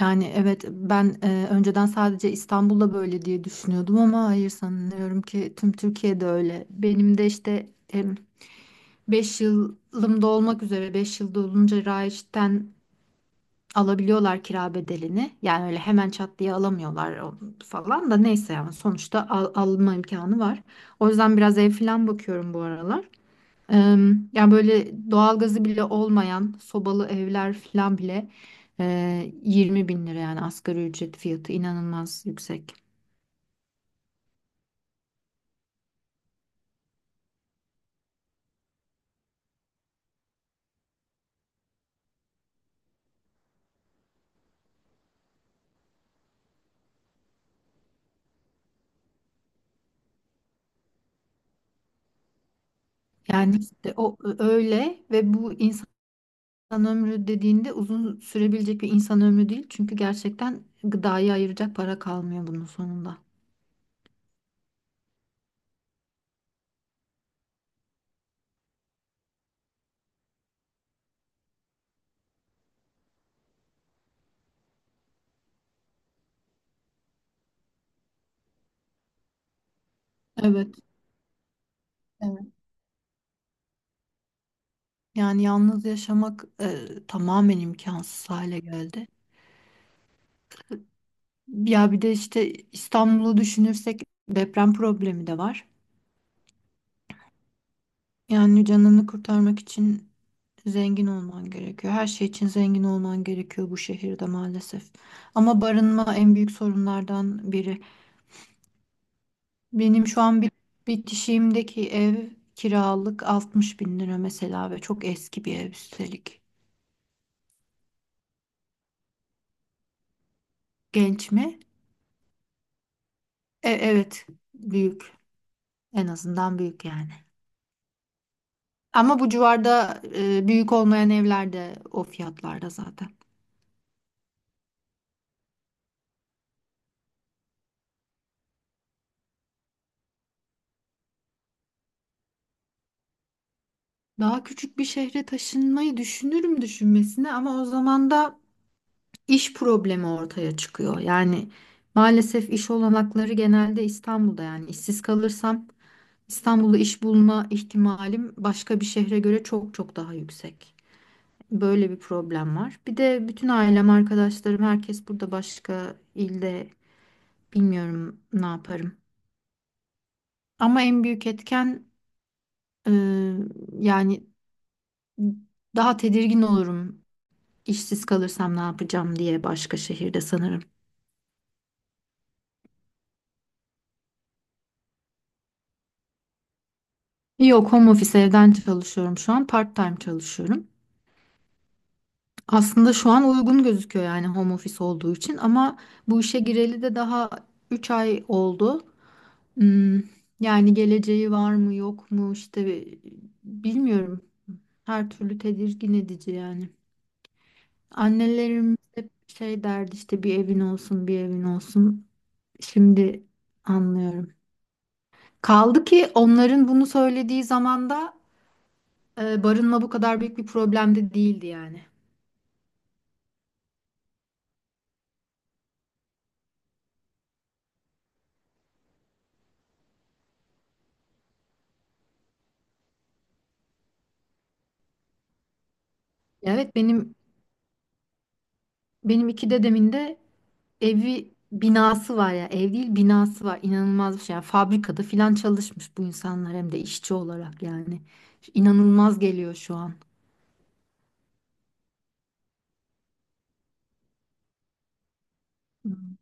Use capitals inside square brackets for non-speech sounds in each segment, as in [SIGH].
Yani evet ben önceden sadece İstanbul'da böyle diye düşünüyordum ama hayır sanıyorum ki tüm Türkiye'de öyle. Benim de işte beş yılım da olmak üzere 5 yılda olunca Raiş'ten alabiliyorlar kira bedelini. Yani öyle hemen çat diye alamıyorlar falan da neyse yani sonuçta alma imkanı var. O yüzden biraz ev falan bakıyorum bu aralar. Yani böyle doğalgazı bile olmayan sobalı evler falan bile 20 bin lira yani asgari ücret fiyatı inanılmaz yüksek. Yani işte o öyle ve bu insan ömrü dediğinde uzun sürebilecek bir insan ömrü değil. Çünkü gerçekten gıdayı ayıracak para kalmıyor bunun sonunda. Evet, evet. Yani yalnız yaşamak tamamen imkansız hale geldi. Ya bir de işte İstanbul'u düşünürsek deprem problemi de var. Yani canını kurtarmak için zengin olman gerekiyor. Her şey için zengin olman gerekiyor bu şehirde maalesef. Ama barınma en büyük sorunlardan biri. Benim şu an bir bitişiğimdeki ev kiralık 60 bin lira mesela ve çok eski bir ev üstelik. Genç mi? Evet, büyük. En azından büyük yani. Ama bu civarda büyük olmayan evler de o fiyatlarda zaten. Daha küçük bir şehre taşınmayı düşünürüm düşünmesine ama o zaman da iş problemi ortaya çıkıyor. Yani maalesef iş olanakları genelde İstanbul'da yani işsiz kalırsam İstanbul'da iş bulma ihtimalim başka bir şehre göre çok çok daha yüksek. Böyle bir problem var. Bir de bütün ailem, arkadaşlarım, herkes burada başka ilde bilmiyorum ne yaparım. Ama en büyük etken e, yani daha tedirgin olurum işsiz kalırsam ne yapacağım diye başka şehirde sanırım. Yok, home office evden çalışıyorum şu an. Part-time çalışıyorum. Aslında şu an uygun gözüküyor yani home office olduğu için ama bu işe gireli de daha 3 ay oldu. Hmm, yani geleceği var mı yok mu işte bilmiyorum. Her türlü tedirgin edici yani. Annelerimiz hep şey derdi işte bir evin olsun bir evin olsun. Şimdi anlıyorum. Kaldı ki onların bunu söylediği zamanda barınma bu kadar büyük bir problem de değildi yani. Evet benim iki dedemin de evi binası var ya ev değil binası var inanılmaz bir şey yani fabrikada filan çalışmış bu insanlar hem de işçi olarak yani inanılmaz geliyor şu an. Hmm.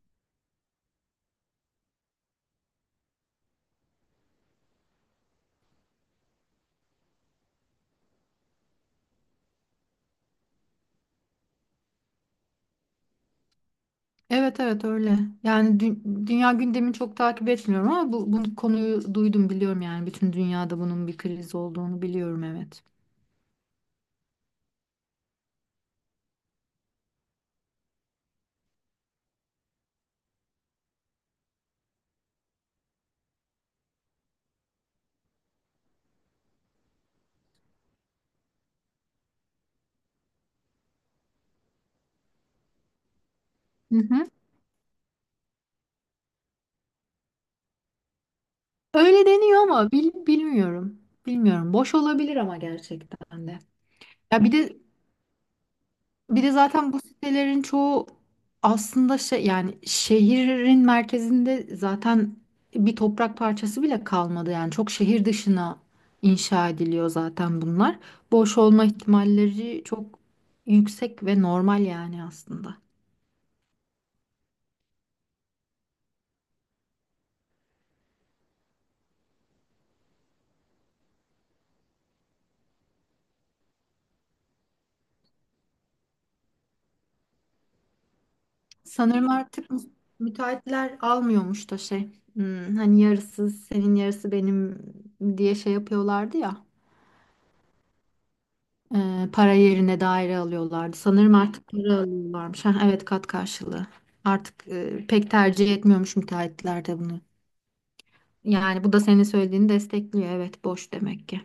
Evet evet öyle yani dünya gündemini çok takip etmiyorum ama bu konuyu duydum biliyorum yani bütün dünyada bunun bir kriz olduğunu biliyorum evet. Hı hı. Öyle deniyor ama bilmiyorum boş olabilir ama gerçekten de. Ya bir de Bir de zaten bu sitelerin çoğu aslında şey yani şehrin merkezinde zaten bir toprak parçası bile kalmadı. Yani çok şehir dışına inşa ediliyor zaten bunlar. Boş olma ihtimalleri çok yüksek ve normal yani aslında. Sanırım artık müteahhitler almıyormuş da şey. Hani yarısı senin yarısı benim diye şey yapıyorlardı ya. Para yerine daire alıyorlardı. Sanırım artık para alıyorlarmış. Ha, evet kat karşılığı. Artık pek tercih etmiyormuş müteahhitler de bunu. Yani bu da senin söylediğini destekliyor. Evet boş demek ki.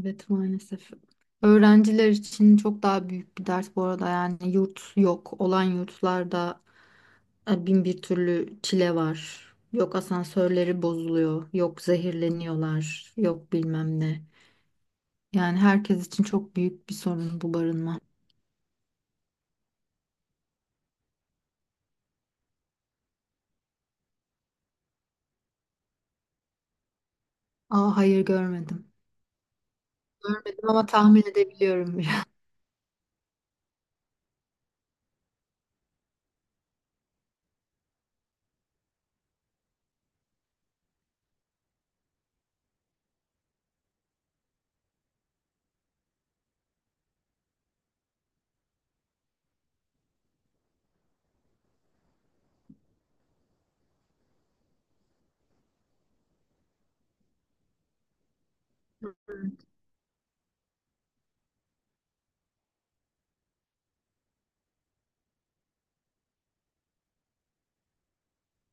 Evet maalesef. Öğrenciler için çok daha büyük bir dert bu arada. Yani yurt yok. Olan yurtlarda bin bir türlü çile var. Yok asansörleri bozuluyor. Yok zehirleniyorlar. Yok bilmem ne. Yani herkes için çok büyük bir sorun bu barınma. Aa, hayır görmedim. Görmedim ama tahmin edebiliyorum biraz. [LAUGHS]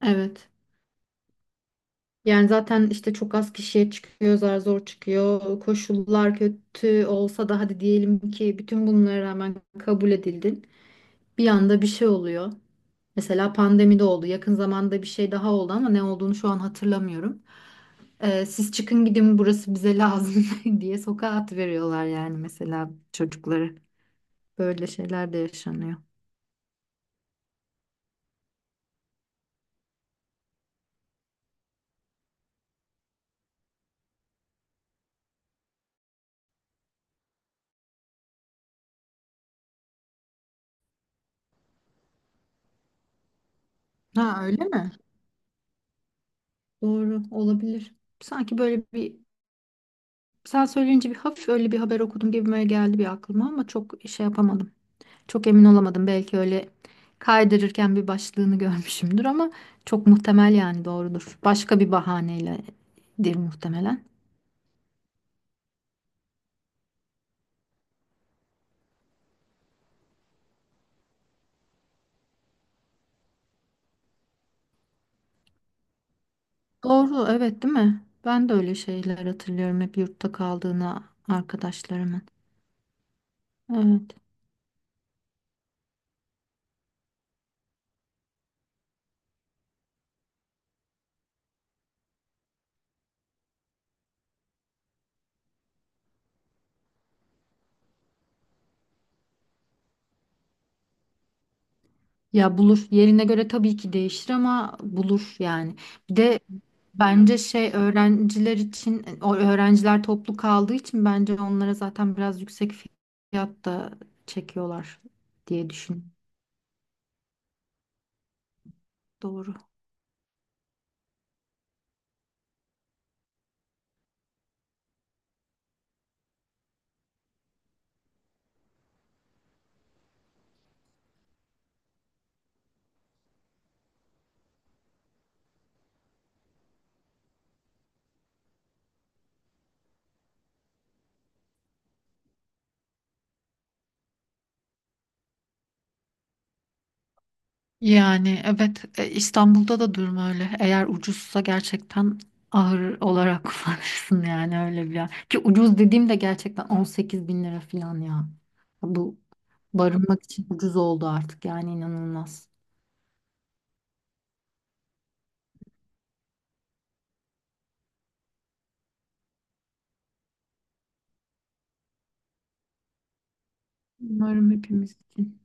Evet. Yani zaten işte çok az kişiye çıkıyor, zar zor çıkıyor. Koşullar kötü olsa da hadi diyelim ki bütün bunlara rağmen kabul edildin. Bir anda bir şey oluyor. Mesela pandemide oldu. Yakın zamanda bir şey daha oldu ama ne olduğunu şu an hatırlamıyorum. Siz çıkın gidin burası bize lazım [LAUGHS] diye sokağa atıveriyorlar yani mesela çocukları. Böyle şeyler de yaşanıyor. Ha öyle mi? Doğru olabilir. Sanki böyle bir sen söyleyince bir hafif öyle bir haber okudum gibime geldi bir aklıma ama çok şey yapamadım. Çok emin olamadım. Belki öyle kaydırırken bir başlığını [LAUGHS] görmüşümdür ama çok muhtemel yani doğrudur. Başka bir bahaneyledir muhtemelen. Doğru evet değil mi? Ben de öyle şeyler hatırlıyorum hep yurtta kaldığına arkadaşlarımın. Evet. Ya bulur. Yerine göre tabii ki değişir ama bulur yani. Bir de bence şey öğrenciler için o öğrenciler toplu kaldığı için bence onlara zaten biraz yüksek fiyatta çekiyorlar diye düşün. Doğru. Yani evet İstanbul'da da durum öyle. Eğer ucuzsa gerçekten ahır olarak [LAUGHS] kullanırsın yani öyle bir yer. Ki ucuz dediğim de gerçekten 18 bin lira falan ya. Bu barınmak için ucuz oldu artık yani inanılmaz. Umarım hepimiz için.